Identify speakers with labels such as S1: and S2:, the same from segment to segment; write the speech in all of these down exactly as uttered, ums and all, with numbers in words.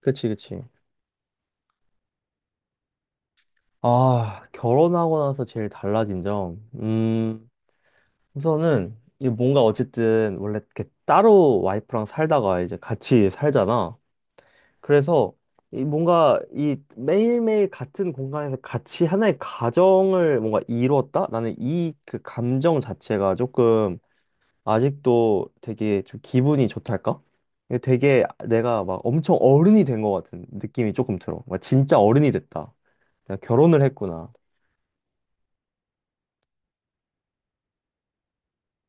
S1: 그치, 그치. 아, 결혼하고 나서 제일 달라진 점. 음, 우선은, 이 뭔가 어쨌든, 원래 이렇게 따로 와이프랑 살다가 이제 같이 살잖아. 그래서, 이 뭔가, 이 매일매일 같은 공간에서 같이 하나의 가정을 뭔가 이뤘다? 나는 이 그 감정 자체가 조금, 아직도 되게 좀 기분이 좋달까? 이게 되게 내가 막 엄청 어른이 된 것 같은 느낌이 조금 들어. 막 진짜 어른이 됐다. 내가 결혼을 했구나.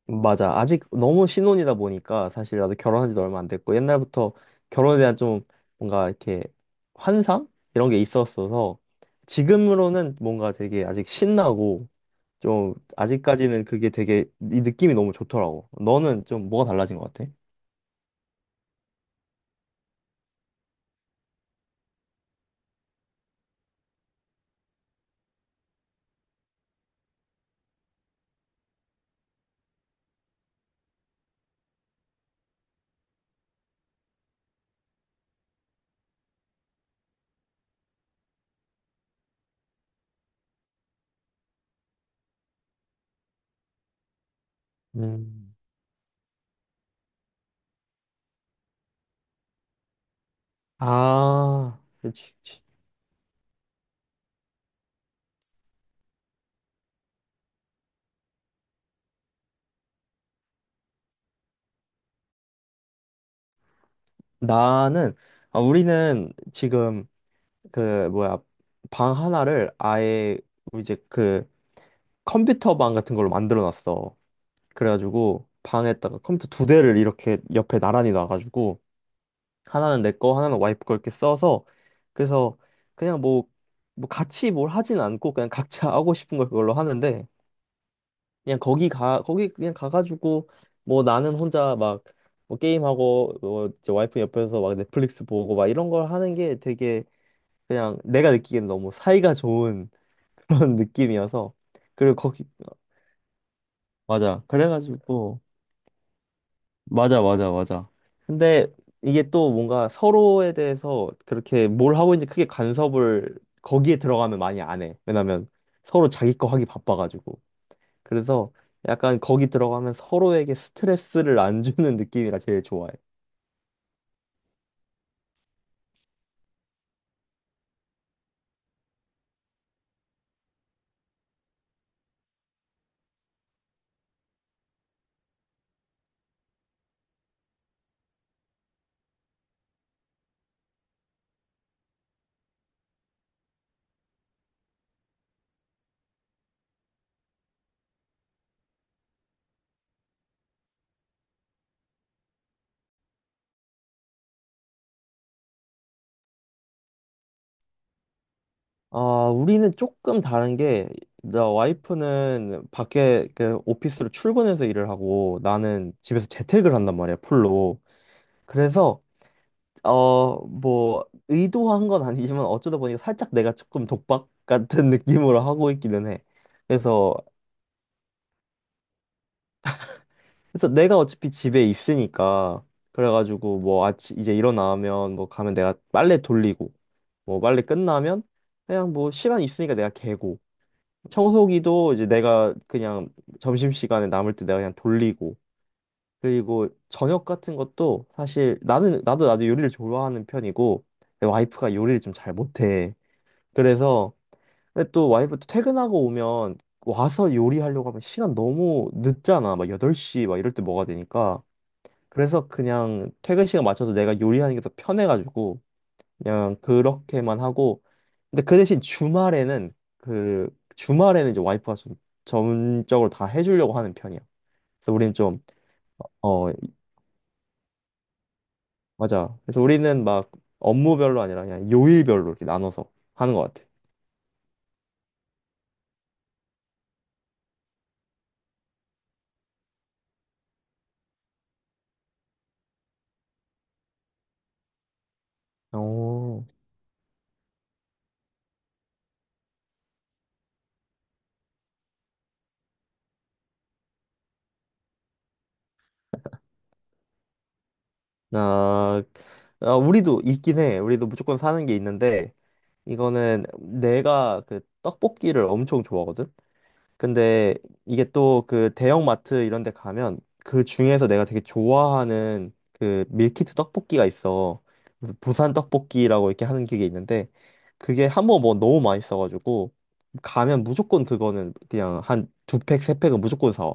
S1: 맞아. 아직 너무 신혼이다 보니까 사실 나도 결혼한 지도 얼마 안 됐고 옛날부터 결혼에 대한 좀 뭔가 이렇게 환상? 이런 게 있었어서 지금으로는 뭔가 되게 아직 신나고 좀 아직까지는 그게 되게 이 느낌이 너무 좋더라고. 너는 좀 뭐가 달라진 것 같아? 음. 아, 그렇지, 그렇지. 나는 아, 우리는 지금 그 뭐야 방 하나를 아예 이제 그 컴퓨터 방 같은 걸로 만들어 놨어. 그래가지고 방에다가 컴퓨터 두 대를 이렇게 옆에 나란히 놔가지고 하나는 내 거, 하나는 와이프 거 이렇게 써서 그래서 그냥 뭐, 뭐 같이 뭘 하진 않고 그냥 각자 하고 싶은 걸 그걸로 하는데 그냥 거기 가 거기 그냥 가가지고 뭐 나는 혼자 막 뭐 게임하고 뭐 이제 와이프 옆에서 막 넷플릭스 보고 막 이런 걸 하는 게 되게 그냥 내가 느끼기엔 너무 사이가 좋은 그런 느낌이어서 그리고 거기 어, 맞아 그래가지고 맞아, 맞아, 맞아. 근데 이게 또 뭔가 서로에 대해서 그렇게 뭘 하고 있는지 크게 간섭을 거기에 들어가면 많이 안 해. 왜냐면 서로 자기 거 하기 바빠가지고. 그래서 약간 거기 들어가면 서로에게 스트레스를 안 주는 느낌이라 제일 좋아해. 아, 우리는 조금 다른 게, 나 와이프는 밖에 그 오피스로 출근해서 일을 하고 나는 집에서 재택을 한단 말이야, 풀로. 그래서 어, 뭐, 의도한 건 아니지만 어쩌다 보니까 살짝 내가 조금 독박 같은 느낌으로 하고 있기는 해. 그래서, 그래서 내가 어차피 집에 있으니까, 그래가지고 뭐 아침 이제 일어나면 뭐 가면 내가 빨래 돌리고, 뭐 빨래 끝나면 그냥 뭐 시간 있으니까 내가 개고, 청소기도 이제 내가 그냥 점심시간에 남을 때 내가 그냥 돌리고, 그리고 저녁 같은 것도 사실 나는, 나도 나도 요리를 좋아하는 편이고, 내 와이프가 요리를 좀 잘 못해. 그래서 근데 또 와이프도 퇴근하고 오면 와서 요리하려고 하면 시간 너무 늦잖아. 막 여덟 시 막 이럴 때 뭐가 되니까. 그래서 그냥 퇴근 시간 맞춰서 내가 요리하는 게 더 편해가지고 그냥 그렇게만 하고. 근데 그 대신 주말에는 그 주말에는 이제 와이프가 좀 전적으로 다 해주려고 하는 편이야. 그래서 우리는 좀, 어, 맞아. 그래서 우리는 막 업무별로 아니라 그냥 요일별로 이렇게 나눠서 하는 것 같아. 어. 아, 아, 우리도 있긴 해. 우리도 무조건 사는 게 있는데, 이거는 내가 그 떡볶이를 엄청 좋아하거든? 근데 이게 또 그 대형마트 이런 데 가면 그 중에서 내가 되게 좋아하는 그 밀키트 떡볶이가 있어. 그래서 부산 떡볶이라고 이렇게 하는 게 있는데, 그게 한번 뭐 너무 맛있어가지고, 가면 무조건 그거는 그냥 한 두 팩, 세 팩은 무조건 사와.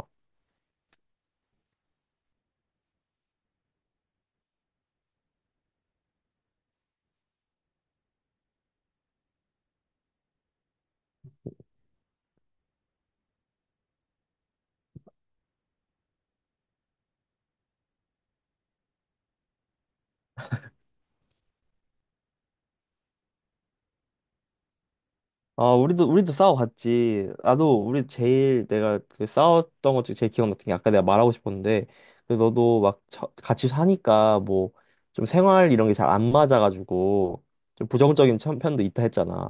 S1: 아, 우리도, 우리도 싸워봤지. 나도, 우리 제일 내가 그 싸웠던 것 중에 제일 기억났던 게 아까 내가 말하고 싶었는데, 그 너도 막 처- 같이 사니까 뭐 좀 생활 이런 게 잘 안 맞아가지고 좀 부정적인 천- 편도 있다 했잖아.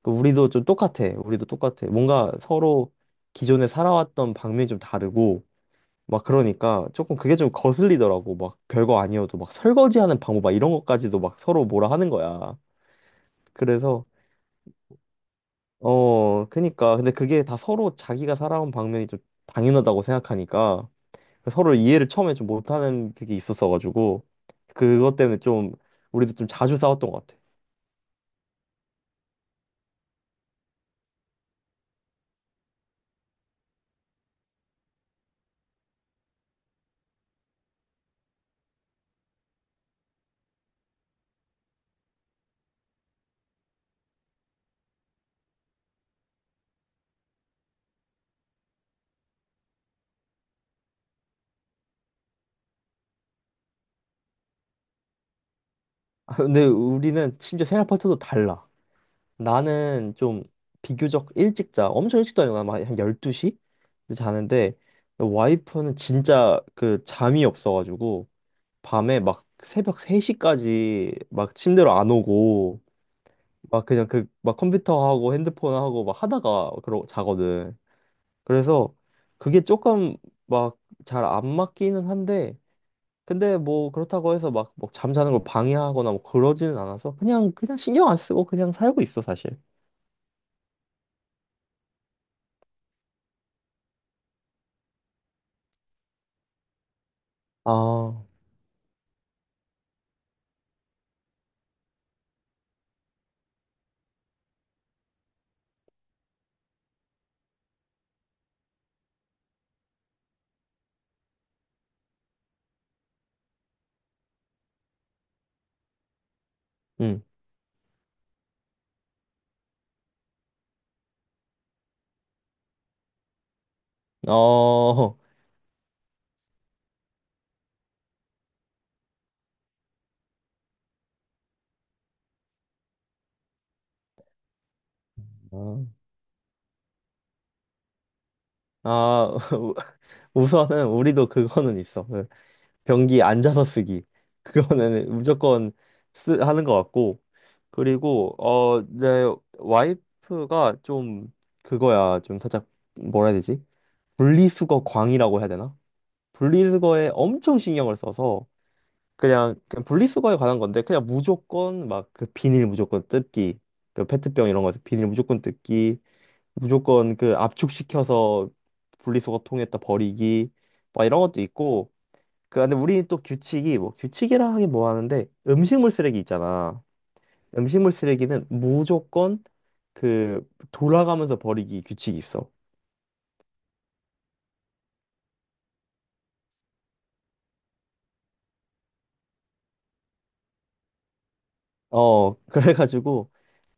S1: 그 우리도 좀 똑같아. 우리도 똑같아. 뭔가 서로 기존에 살아왔던 방면이 좀 다르고, 막 그러니까 조금 그게 좀 거슬리더라고. 막 별거 아니어도 막 설거지하는 방법 막 이런 것까지도 막 서로 뭐라 하는 거야. 그래서 어, 그니까. 근데 그게 다 서로 자기가 살아온 방면이 좀 당연하다고 생각하니까 서로 이해를 처음에 좀 못하는 그게 있었어가지고 그것 때문에 좀 우리도 좀 자주 싸웠던 것 같아. 아, 근데 우리는 심지어 생활 패턴도 달라. 나는 좀 비교적 일찍 자. 엄청 일찍 자요. 아한 열두 시? 자는데 와이프는 진짜 그 잠이 없어가지고 밤에 막 새벽 세 시까지 막 침대로 안 오고 막 그냥 그 막 컴퓨터하고 핸드폰하고 막 하다가 그러 자거든. 그래서 그게 조금 막 잘 안 맞기는 한데 근데 뭐 그렇다고 해서 막 뭐 잠자는 걸 방해하거나 뭐 그러지는 않아서 그냥 그냥 신경 안 쓰고 그냥 살고 있어 사실. 아, 응. 어. 아, 아, 우선은 우리도 그거는 있어. 응. 변기 앉아서 쓰기 그거는 무조건 쓰 하는 것 같고 그리고 어 내 와이프가 좀 그거야 좀 살짝 뭐라 해야 되지 분리수거 광이라고 해야 되나 분리수거에 엄청 신경을 써서 그냥, 그냥 분리수거에 관한 건데 그냥 무조건 막 그 비닐 무조건 뜯기 그 페트병 이런 거 비닐 무조건 뜯기 무조건 그 압축시켜서 분리수거통에다 버리기 막 이런 것도 있고 그 근데 우리는 또 규칙이 뭐 규칙이라 하긴 뭐 하는데 음식물 쓰레기 있잖아. 음식물 쓰레기는 무조건 그 돌아가면서 버리기 규칙이 있어. 어 그래가지고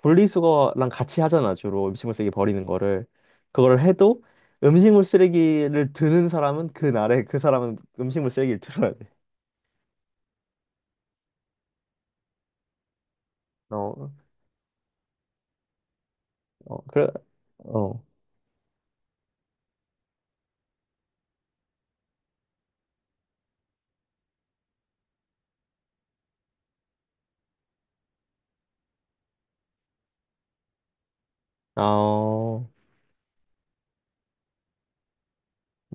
S1: 분리수거랑 같이 하잖아 주로 음식물 쓰레기 버리는 거를 그거를 해도 음식물 쓰레기를 드는 사람은 그 날에 그 사람은 음식물 쓰레기를 들어야 돼. 어, 어, 그래, 어, 아, 어.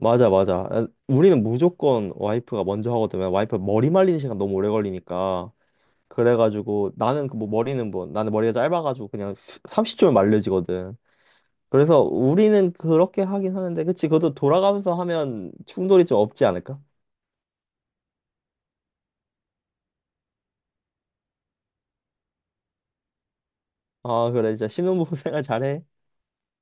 S1: 맞아, 맞아. 아, 우리는 무조건 와이프가 먼저 하거든. 요 와이프 머리 말리는 시간 너무 오래 걸리니까. 그래가지고 나는 그뭐 머리는 뭐 나는 머리가 짧아가지고 그냥 삼십 초면 말려지거든. 그래서 우리는 그렇게 하긴 하는데, 그치? 그것도 돌아가면서 하면 충돌이 좀 없지 않을까? 아, 그래. 진짜 신혼부부 생활 잘해.